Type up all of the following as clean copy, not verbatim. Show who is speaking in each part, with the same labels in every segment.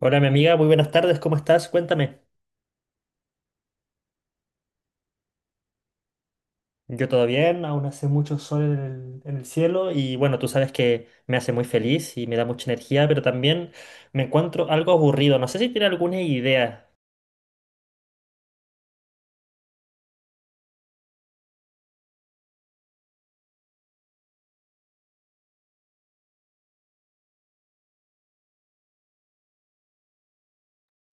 Speaker 1: Hola, mi amiga, muy buenas tardes, ¿cómo estás? Cuéntame. Yo todo bien, aún hace mucho sol en el cielo y bueno, tú sabes que me hace muy feliz y me da mucha energía, pero también me encuentro algo aburrido. No sé si tiene alguna idea.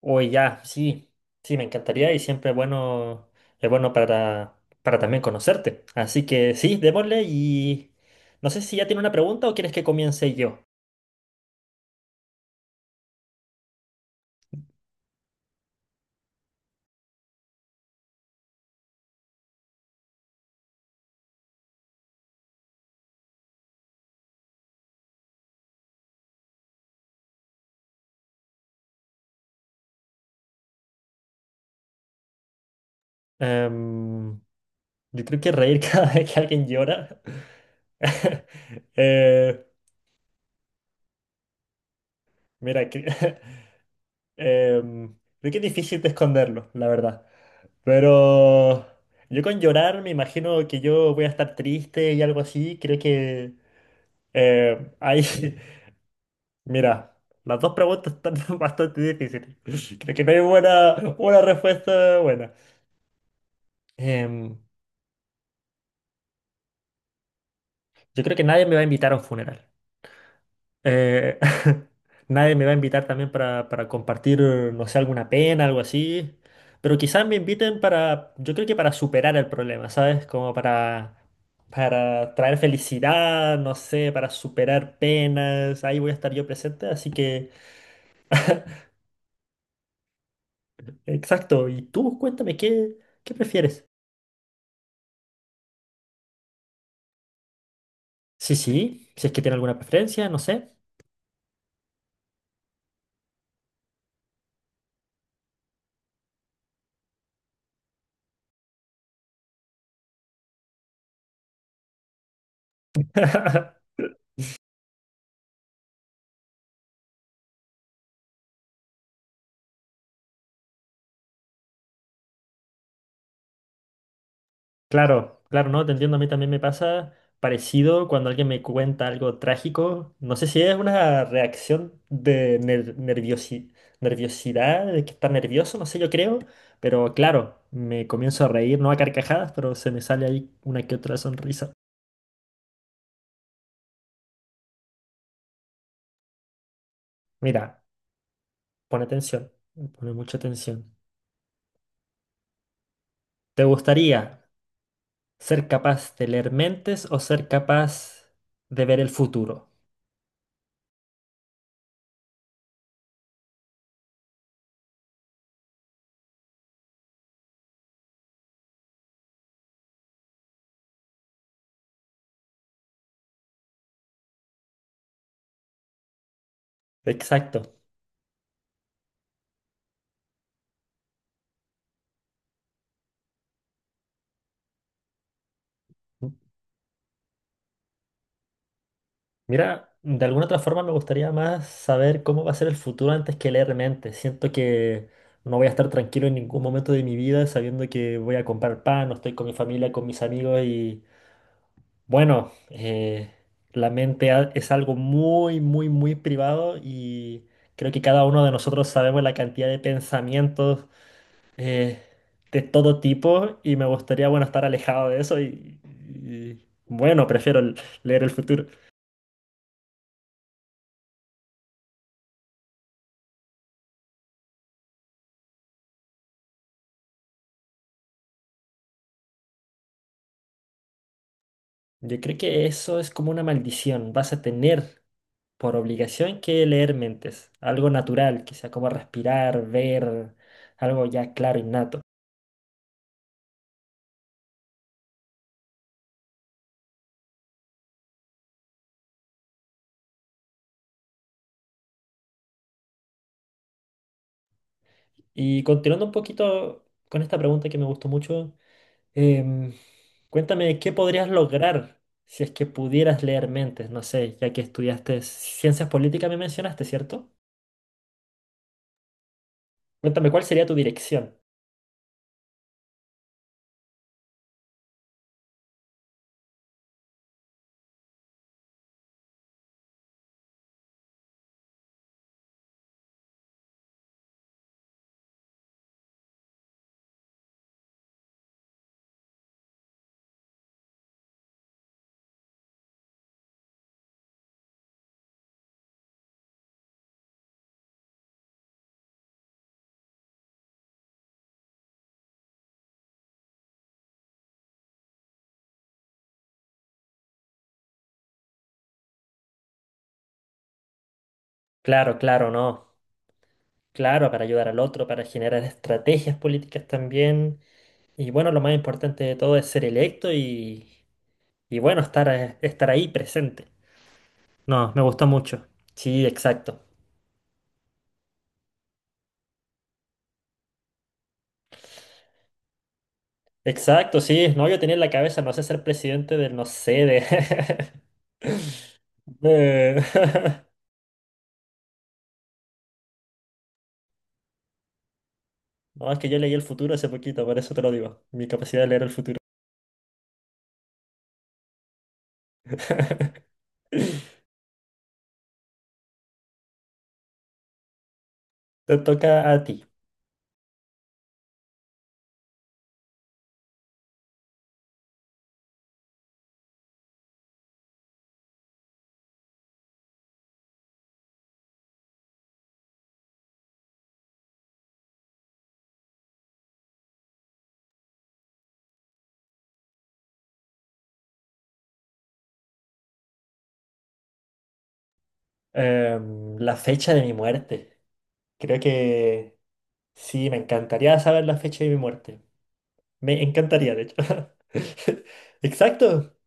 Speaker 1: O ya, sí, me encantaría y siempre es bueno para también conocerte. Así que sí, démosle y no sé si ya tiene una pregunta o quieres que comience yo. Em, yo creo que reír cada vez que alguien llora. Eh, Mira, creo que es difícil de esconderlo, la verdad. Pero yo con llorar me imagino que yo voy a estar triste y algo así. Creo que hay... Mira, las dos preguntas están bastante difíciles. Creo que no hay buena, una respuesta buena. Em, yo creo que nadie me va a invitar a un funeral. Eh, nadie me va a invitar también para compartir, no sé, alguna pena, algo así. Pero quizás me inviten para, yo creo que para superar el problema, ¿sabes? Para traer felicidad, no sé, para superar penas. Ahí voy a estar yo presente, así que, exacto. Y tú, cuéntame, ¿qué prefieres? Sí, sí, si es que tiene alguna preferencia, no sé. Claro, claro, no, te entiendo, a mí también me pasa parecido cuando alguien me cuenta algo trágico. No sé si es una reacción de nerviosidad, de que está nervioso, no sé, yo creo, pero claro, me comienzo a reír, no a carcajadas, pero se me sale ahí una que otra sonrisa. Mira, pone atención, pone mucha atención. ¿Te gustaría ser capaz de leer mentes o ser capaz de ver el futuro? Exacto. Mira, de alguna otra forma me gustaría más saber cómo va a ser el futuro antes que leer mentes. Siento que no voy a estar tranquilo en ningún momento de mi vida sabiendo que voy a comprar pan, no estoy con mi familia, con mis amigos y bueno, es algo muy, muy, muy privado y creo que cada uno de nosotros sabemos la cantidad de pensamientos eh, de todo tipo y me gustaría, bueno, estar alejado de eso y bueno, prefiero leer el futuro. Yo creo que eso es como una maldición. Vas a tener por obligación que leer mentes, algo natural, quizá como respirar, ver, algo ya claro, innato. Y continuando un poquito con esta pregunta que me gustó mucho, em, cuéntame, ¿qué podrías lograr si es que pudieras leer mentes? No sé, ya que estudiaste ciencias políticas, me mencionaste, ¿cierto? Cuéntame, ¿cuál sería tu dirección? Claro, claro, no. Claro, para ayudar al otro, para generar estrategias políticas también. Y bueno, lo más importante de todo es ser electo y bueno, estar, estar ahí presente. No, me gustó mucho. Sí, exacto. Exacto, sí. No, yo tenía en la cabeza, no sé, ser presidente del, no sé, de... de- No, es que yo leí el futuro hace poquito, por eso te lo digo. Mi capacidad de leer el futuro. Te toca a ti. La fecha de mi muerte. Creo que sí, me encantaría saber la fecha de mi muerte. Me encantaría, de hecho. Exacto.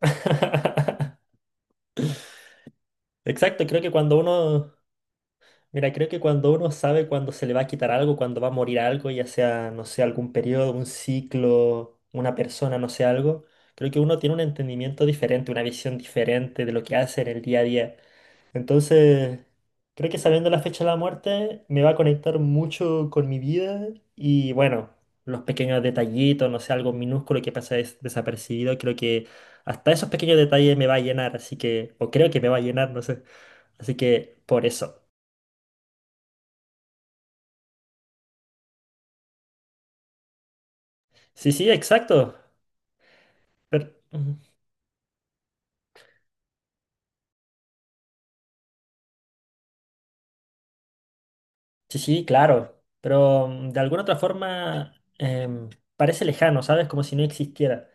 Speaker 1: Exacto, creo que cuando uno, mira, creo que cuando uno sabe cuándo se le va a quitar algo, cuándo va a morir algo, ya sea, no sé, algún periodo, un ciclo, una persona, no sé, algo, creo que uno tiene un entendimiento diferente, una visión diferente de lo que hace en el día a día. Entonces, creo que sabiendo la fecha de la muerte me va a conectar mucho con mi vida y bueno, los pequeños detallitos, no sé, algo minúsculo que pasa desapercibido, creo que hasta esos pequeños detalles me va a llenar, así que, o creo que me va a llenar, no sé. Así que, por eso. Sí, sí, exacto. Pero- ujú. Sí, sí, claro. Pero de alguna otra forma parece lejano, ¿sabes? Como si no existiera.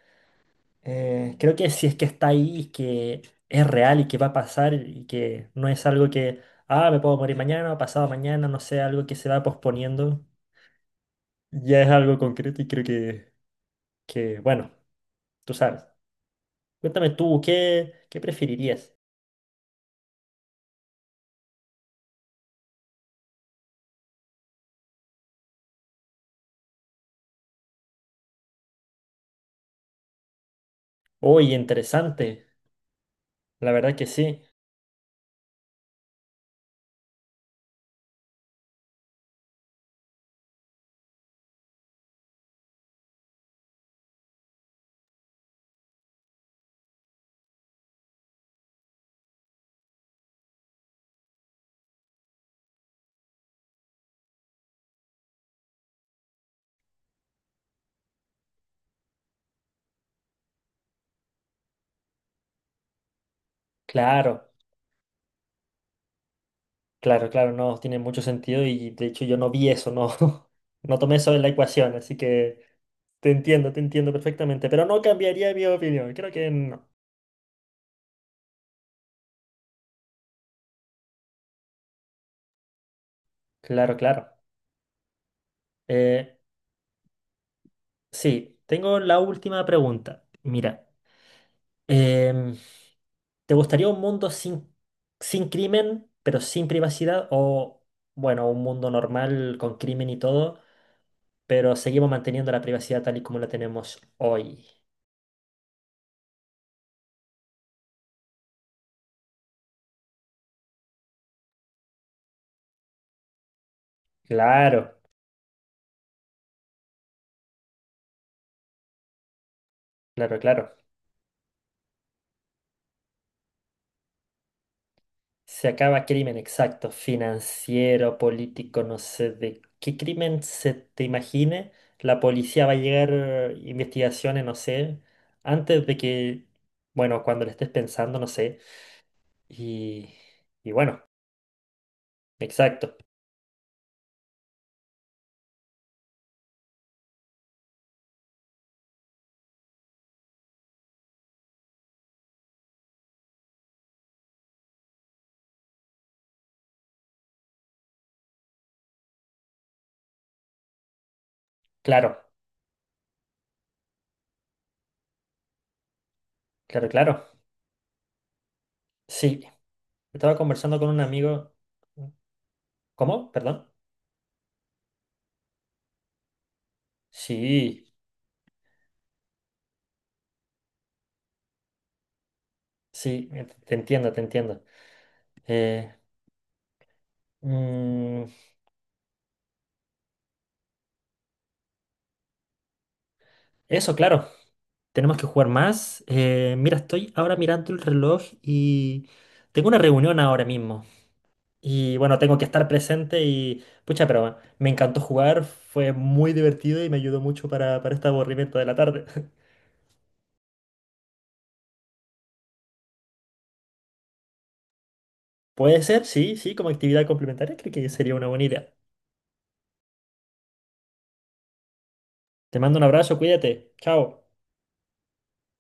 Speaker 1: Creo que si es que está ahí, y que es real y que va a pasar y que no es algo que, ah, me puedo morir mañana, pasado mañana, no sé, algo que se va posponiendo, ya es algo concreto y creo que bueno, tú sabes. Cuéntame tú, ¿qué preferirías? Oye, interesante, la verdad que sí, claro, claro, claro, no, tiene mucho sentido y de hecho yo no vi eso, no, no tomé eso en la ecuación, así que te entiendo perfectamente, pero no cambiaría mi opinión, creo que no. Claro, claro. Eh, sí, tengo la última pregunta. Mira, em, ¿te gustaría un mundo sin crimen, pero sin privacidad? O, bueno, un mundo normal con crimen y todo, pero seguimos manteniendo la privacidad tal y como la tenemos hoy. Claro, claro, claro. Se acaba crimen, exacto, financiero, político, no sé de qué crimen se te imagine. La policía va a llegar investigaciones, no sé, antes de que, bueno, cuando le estés pensando, no sé. Y, y bueno, exacto. Claro, claro, claro. Sí, estaba conversando con un amigo. ¿Cómo? Perdón. Sí, sí, te entiendo, te entiendo. Eh, mm, eso, claro. Tenemos que jugar más. Mira, estoy ahora mirando el reloj y tengo una reunión ahora mismo. Y bueno, tengo que estar presente y pucha, pero me encantó jugar, fue muy divertido y me ayudó mucho para este aburrimiento de la tarde. Puede ser, sí, sí, como actividad complementaria, creo que sería una buena idea. Te mando un abrazo, cuídate. Chao.